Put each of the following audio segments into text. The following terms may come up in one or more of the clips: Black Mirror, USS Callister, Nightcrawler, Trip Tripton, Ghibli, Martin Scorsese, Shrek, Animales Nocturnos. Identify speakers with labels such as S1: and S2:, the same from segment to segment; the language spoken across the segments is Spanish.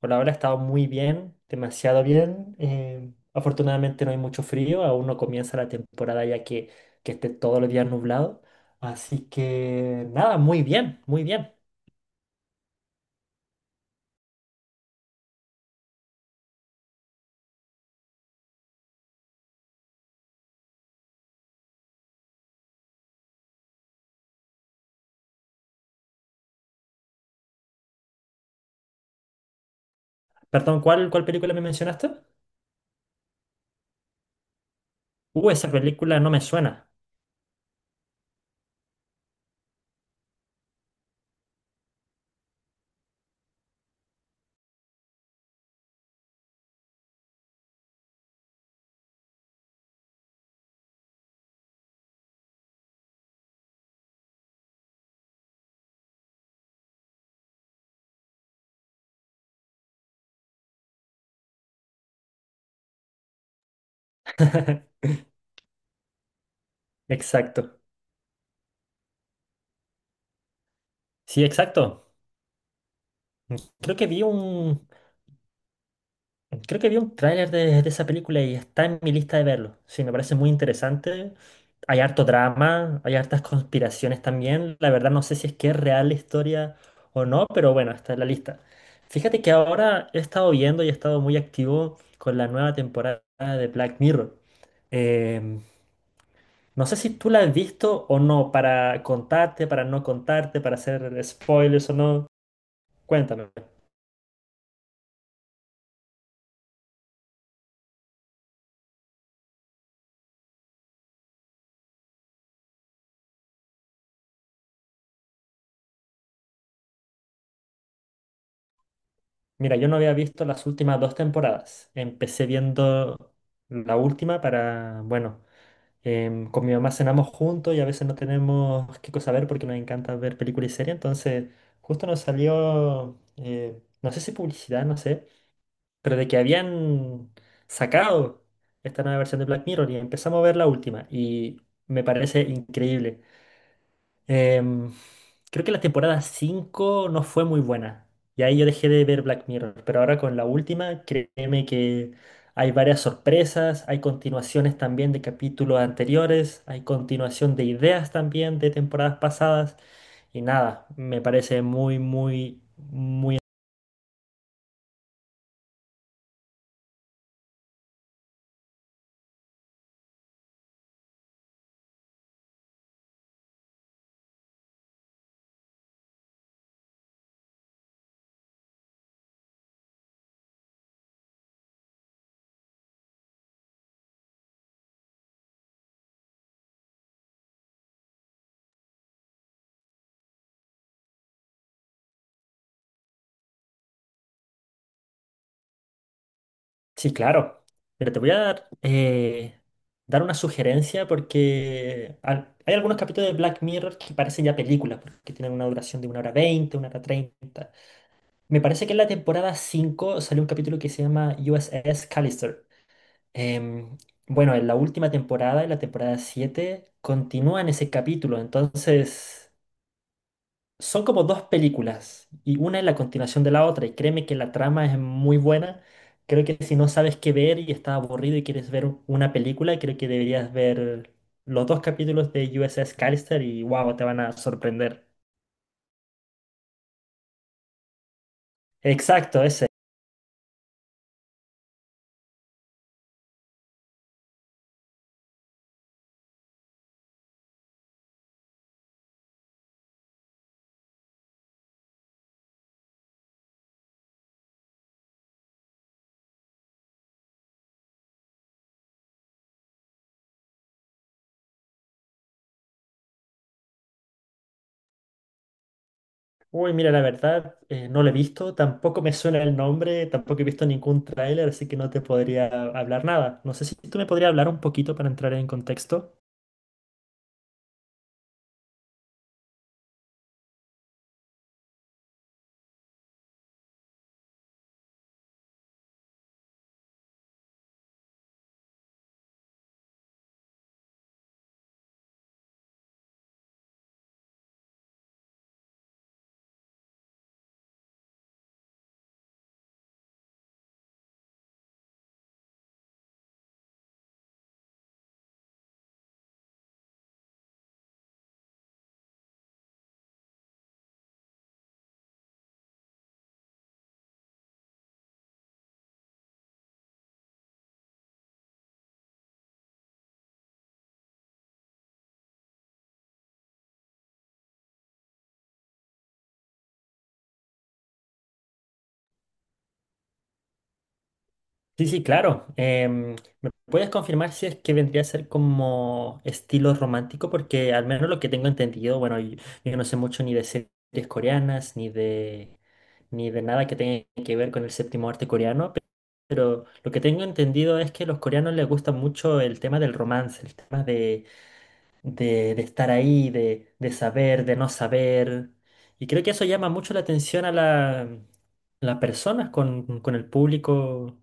S1: Por ahora ha estado muy bien, demasiado bien. Afortunadamente no hay mucho frío, aún no comienza la temporada ya que esté todos los días nublado. Así que nada, muy bien, muy bien. Perdón, ¿cuál película me mencionaste? Esa película no me suena. Exacto. Sí, exacto. Creo que vi un, Creo que vi un tráiler de esa película y está en mi lista de verlo. Sí, me parece muy interesante. Hay harto drama, hay hartas conspiraciones también. La verdad no sé si es que es real la historia o no, pero bueno, está en la lista. Fíjate que ahora he estado viendo y he estado muy activo con la nueva temporada de Black Mirror. Em, no sé si tú la has visto o no, para contarte, para no contarte, para hacer spoilers o no. Cuéntame. Mira, yo no había visto las últimas dos temporadas. Empecé viendo la última para, bueno, con mi mamá cenamos juntos y a veces no tenemos qué cosa ver porque nos encanta ver películas y series. Entonces, justo nos salió, no sé si publicidad, no sé, pero de que habían sacado esta nueva versión de Black Mirror y empezamos a ver la última y me parece increíble. Em, Creo que la temporada 5 no fue muy buena. Y ahí yo dejé de ver Black Mirror. Pero ahora con la última, créeme que hay varias sorpresas, hay continuaciones también de capítulos anteriores, hay continuación de ideas también de temporadas pasadas. Y nada, me parece muy, muy, muy. Sí, claro. Pero te voy a dar, dar una sugerencia porque hay algunos capítulos de Black Mirror que parecen ya películas, porque tienen una duración de 1 hora 20, 1 hora 30. Me parece que en la temporada 5 salió un capítulo que se llama USS Callister. Em, bueno, en la última temporada, en la temporada 7 continúa en ese capítulo, entonces... Son como dos películas y una es la continuación de la otra y créeme que la trama es muy buena. Creo que si no sabes qué ver y estás aburrido y quieres ver una película, creo que deberías ver los dos capítulos de USS Callister y wow, te van a sorprender. Exacto, ese. Uy, mira, la verdad, no lo he visto, tampoco me suena el nombre, tampoco he visto ningún tráiler, así que no te podría hablar nada. No sé si tú me podrías hablar un poquito para entrar en contexto. Sí, sí, claro. ¿Me puedes confirmar si es que vendría a ser como estilo romántico? Porque al menos lo que tengo entendido, bueno, yo, no sé mucho ni de series coreanas, ni de nada que tenga que ver con el séptimo arte coreano, pero lo que tengo entendido es que a los coreanos les gusta mucho el tema del romance, el tema de estar ahí, de saber, de no saber. Y creo que eso llama mucho la atención a la, las personas con el público.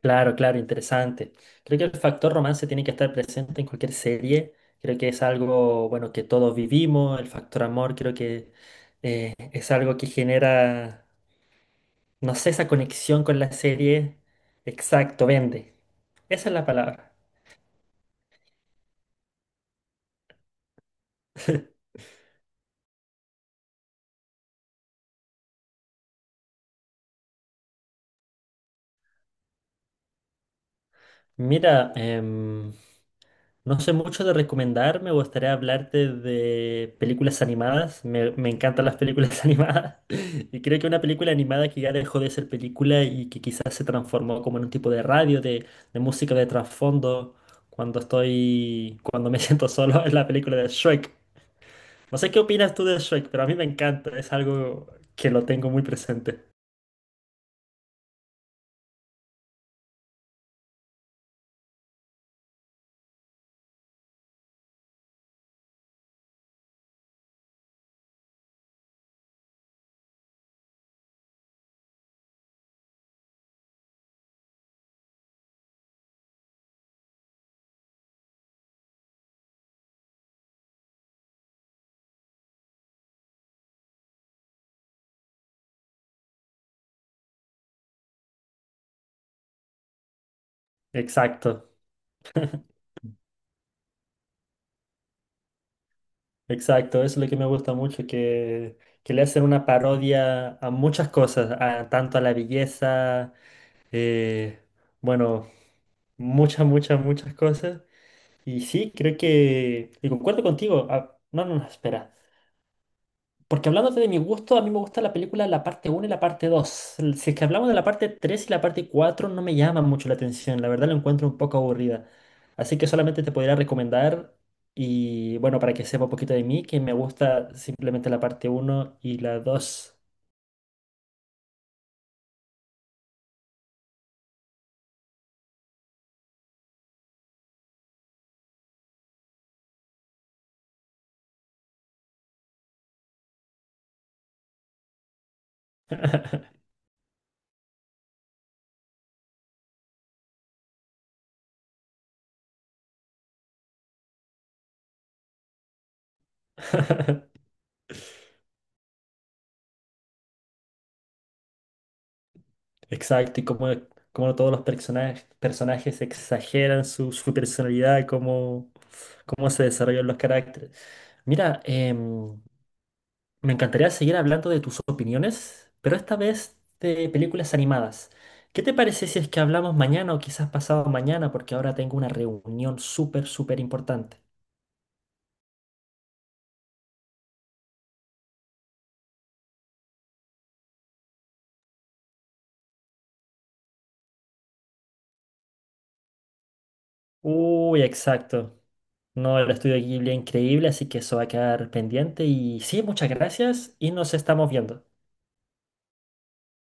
S1: Claro, claro, interesante. Creo que el factor romance tiene que estar presente en cualquier serie. Creo que es algo, bueno, que todos vivimos. El factor amor creo que es algo que genera, no sé, esa conexión con la serie. Exacto, vende. Esa es la palabra. Mira, no sé mucho de recomendar, me gustaría hablarte de películas animadas. Me encantan las películas animadas. Y creo que una película animada que ya dejó de ser película y que quizás se transformó como en un tipo de radio, de música de trasfondo, cuando estoy, cuando me siento solo, es la película de Shrek. No sé qué opinas tú de Shrek, pero a mí me encanta, es algo que lo tengo muy presente. Exacto. Exacto, eso es lo que me gusta mucho, que le hacen una parodia a muchas cosas, a- tanto a la belleza, eh, bueno, muchas, muchas, muchas cosas. Y sí, creo que, y concuerdo contigo, ah, no, no, no, espera. Porque hablándote de mi gusto, a mí me gusta la película la parte uno y la parte 2. Si es que hablamos de la parte 3 y la parte 4, no me llama mucho la atención. La verdad, la encuentro un poco aburrida. Así que solamente te podría recomendar, y bueno, para que sepa un poquito de mí, que me gusta simplemente la parte uno y la dos. Exacto, y como, como todos los personajes, personajes exageran su, su personalidad, cómo, cómo se desarrollan los caracteres. Mira, me encantaría seguir hablando de tus opiniones, pero esta vez de películas animadas. ¿Qué te parece si es que hablamos mañana o quizás pasado mañana? Porque ahora tengo una reunión súper, súper importante. Uy, exacto. No, el estudio Ghibli es increíble, así que eso va a quedar pendiente. Y sí, muchas gracias y nos estamos viendo.